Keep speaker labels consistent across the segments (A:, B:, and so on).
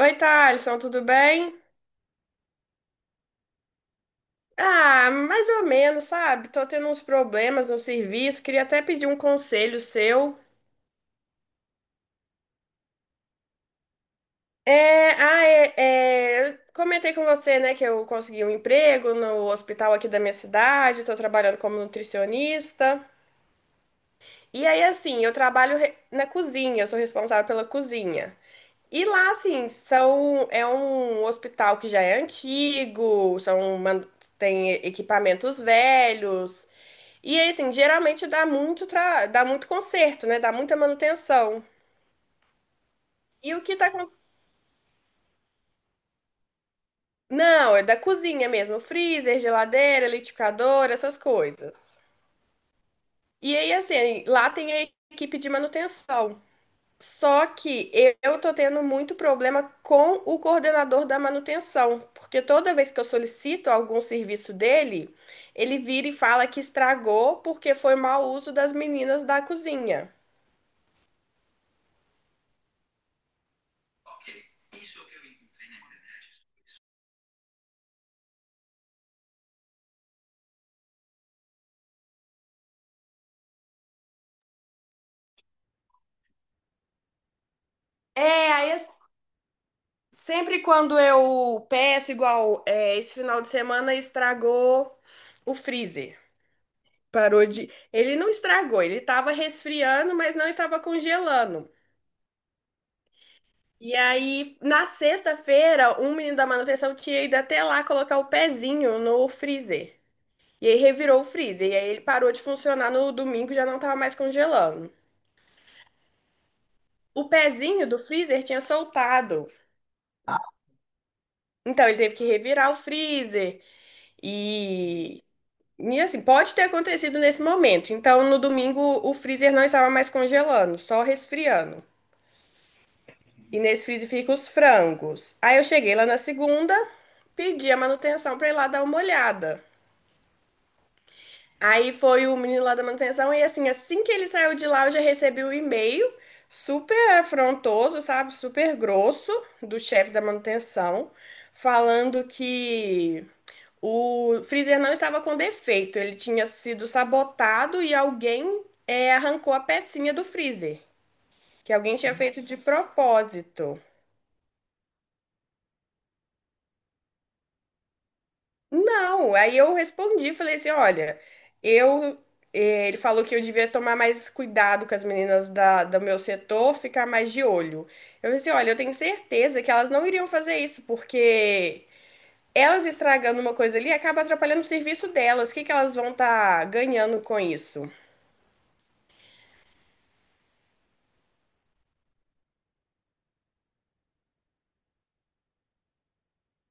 A: Oi, Thalisson, tudo bem? Ah, mais ou menos, sabe? Tô tendo uns problemas no serviço, queria até pedir um conselho seu. É, ah, é, é, eu comentei com você, né, que eu consegui um emprego no hospital aqui da minha cidade, tô trabalhando como nutricionista. E aí, assim, eu trabalho na cozinha, eu sou responsável pela cozinha. E lá, assim, são, é um hospital que já é antigo, são, tem equipamentos velhos. E aí, assim, geralmente dá muito conserto, né? Dá muita manutenção. E o que tá com... Não, é da cozinha mesmo, freezer, geladeira, liquidificador, essas coisas. E aí, assim, lá tem a equipe de manutenção. Só que eu tô tendo muito problema com o coordenador da manutenção, porque toda vez que eu solicito algum serviço dele, ele vira e fala que estragou porque foi mau uso das meninas da cozinha. É, aí assim, sempre quando eu peço, igual é, esse final de semana estragou o freezer. Parou de. Ele não estragou, ele estava resfriando, mas não estava congelando. E aí, na sexta-feira, um menino da manutenção tinha ido até lá colocar o pezinho no freezer. E aí revirou o freezer. E aí ele parou de funcionar no domingo, já não estava mais congelando. O pezinho do freezer tinha soltado. Então ele teve que revirar o freezer. E E assim, pode ter acontecido nesse momento. Então, no domingo, o freezer não estava mais congelando, só resfriando. E nesse freezer fica os frangos. Aí eu cheguei lá na segunda, pedi a manutenção para ir lá dar uma olhada. Aí foi o menino lá da manutenção e assim, assim que ele saiu de lá, eu já recebi o e-mail super afrontoso, sabe? Super grosso do chefe da manutenção, falando que o freezer não estava com defeito, ele tinha sido sabotado e alguém arrancou a pecinha do freezer, que alguém tinha feito de propósito. Não, aí eu respondi, falei assim, olha, eu, ele falou que eu devia tomar mais cuidado com as meninas da, do meu setor, ficar mais de olho. Eu disse, olha, eu tenho certeza que elas não iriam fazer isso, porque elas estragando uma coisa ali acaba atrapalhando o serviço delas. O que que elas vão estar ganhando com isso?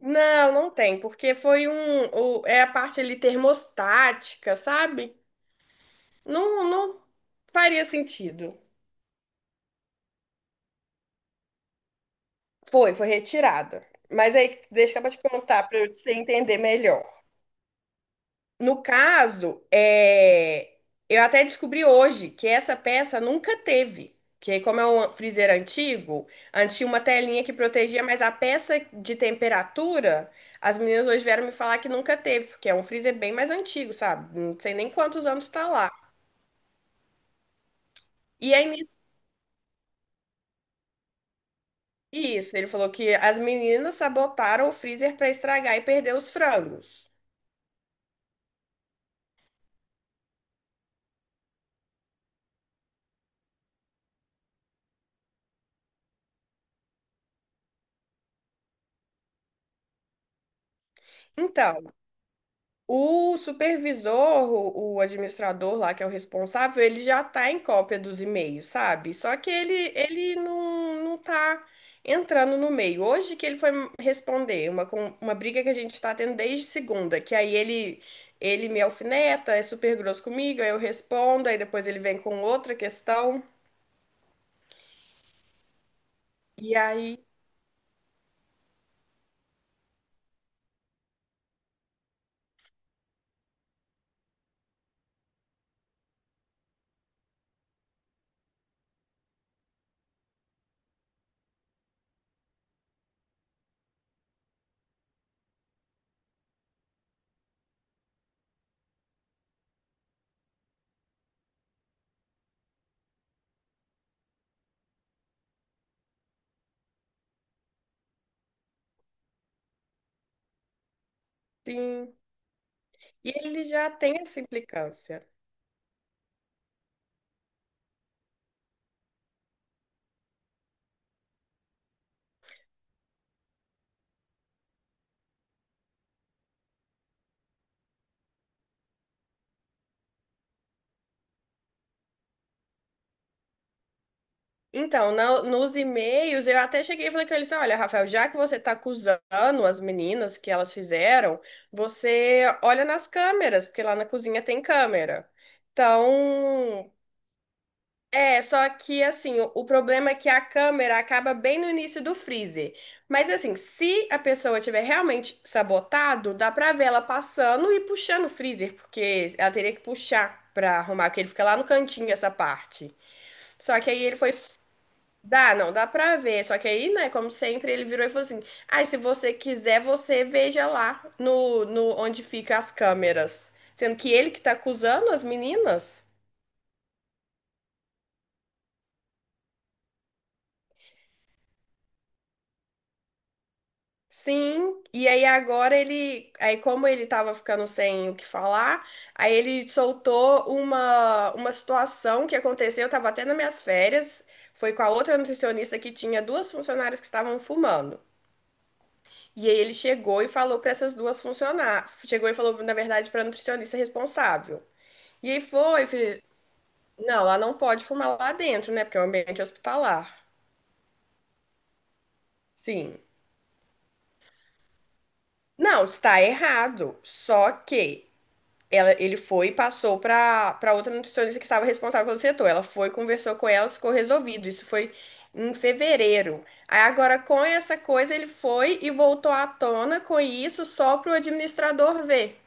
A: Não, não tem, porque foi um, é a parte ali termostática, sabe? Não, não faria sentido. Foi, foi retirada. Mas aí, deixa eu te contar para você entender melhor. No caso, é, eu até descobri hoje que essa peça nunca teve. Que como é um freezer antigo, antes tinha uma telinha que protegia, mas a peça de temperatura, as meninas hoje vieram me falar que nunca teve, porque é um freezer bem mais antigo, sabe? Não sei nem quantos anos está lá. E aí, nisso- isso, ele falou que as meninas sabotaram o freezer para estragar e perder os frangos. Então, o supervisor, o administrador lá, que é o responsável, ele já tá em cópia dos e-mails, sabe? Só que ele não tá entrando no meio. Hoje que ele foi responder uma, uma briga que a gente tá tendo desde segunda, que aí ele me alfineta, é super grosso comigo, aí eu respondo, aí depois ele vem com outra questão. E aí, sim. E ele já tem essa implicância. Então, nos e-mails, eu até cheguei e falei com ele assim, olha, Rafael, já que você está acusando as meninas que elas fizeram, você olha nas câmeras, porque lá na cozinha tem câmera. Então, é, só que assim, o problema é que a câmera acaba bem no início do freezer. Mas assim, se a pessoa tiver realmente sabotado, dá pra ver ela passando e puxando o freezer, porque ela teria que puxar pra arrumar, porque ele fica lá no cantinho essa parte. Só que aí ele foi. Dá, não, dá pra ver. Só que aí, né, como sempre, ele virou e falou assim: ai, se você quiser, você veja lá no onde fica as câmeras. Sendo que ele que tá acusando as meninas. Sim. E aí agora ele. Aí, como ele tava ficando sem o que falar, aí ele soltou uma situação que aconteceu, eu tava até nas minhas férias. Foi com a outra nutricionista que tinha duas funcionárias que estavam fumando. E aí ele chegou e falou para essas duas funcionárias, chegou e falou, na verdade, para a nutricionista responsável. E aí não, ela não pode fumar lá dentro, né? Porque é um ambiente hospitalar. Sim. Não, está errado. Só que ela, ele foi e passou para outra nutricionista que estava responsável pelo setor. Ela foi, conversou com ela, ficou resolvido. Isso foi em fevereiro. Aí agora com essa coisa ele foi e voltou à tona com isso só para o administrador ver.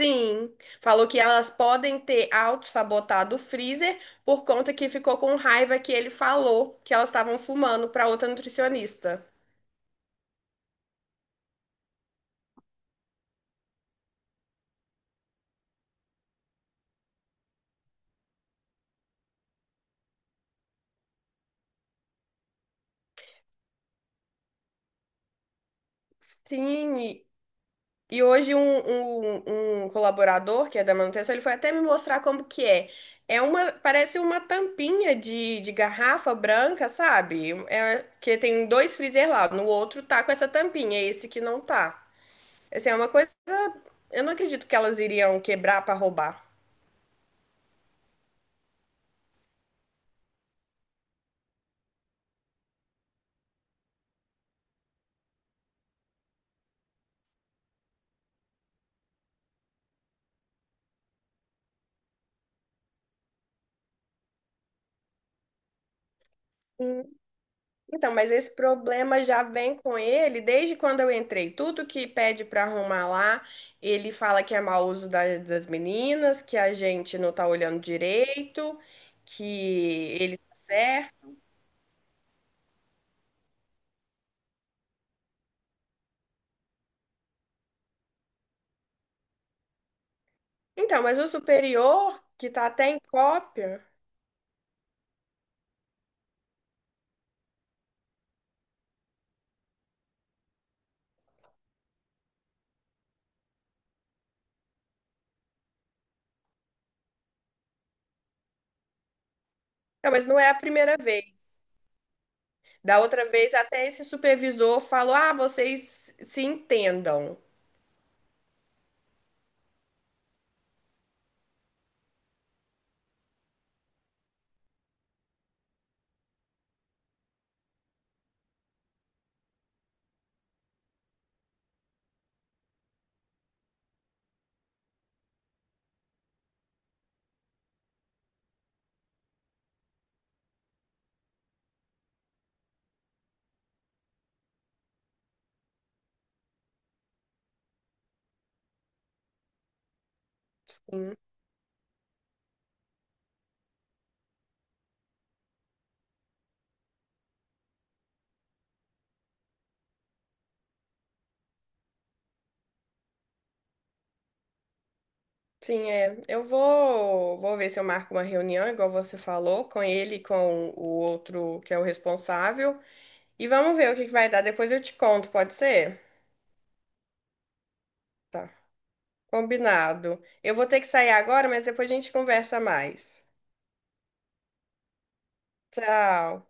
A: Sim, falou que elas podem ter auto-sabotado o freezer por conta que ficou com raiva que ele falou que elas estavam fumando para outra nutricionista. Sim, e hoje um colaborador que é da manutenção, ele foi até me mostrar como que é. É uma, parece uma tampinha de garrafa branca, sabe? É, que tem dois freezer lá, no outro tá com essa tampinha, é esse que não tá. Assim, é uma coisa, eu não acredito que elas iriam quebrar para roubar. Então, mas esse problema já vem com ele desde quando eu entrei. Tudo que pede para arrumar lá, ele fala que é mau uso das meninas, que a gente não tá olhando direito, que ele tá certo. Então, mas o superior, que tá até em cópia. Não, mas não é a primeira vez. Da outra vez, até esse supervisor falou: ah, vocês se entendam. Sim, é. Eu vou, vou ver se eu marco uma reunião, igual você falou, com ele e com o outro que é o responsável. E vamos ver o que que vai dar. Depois eu te conto, pode ser? Tá. Combinado. Eu vou ter que sair agora, mas depois a gente conversa mais. Tchau.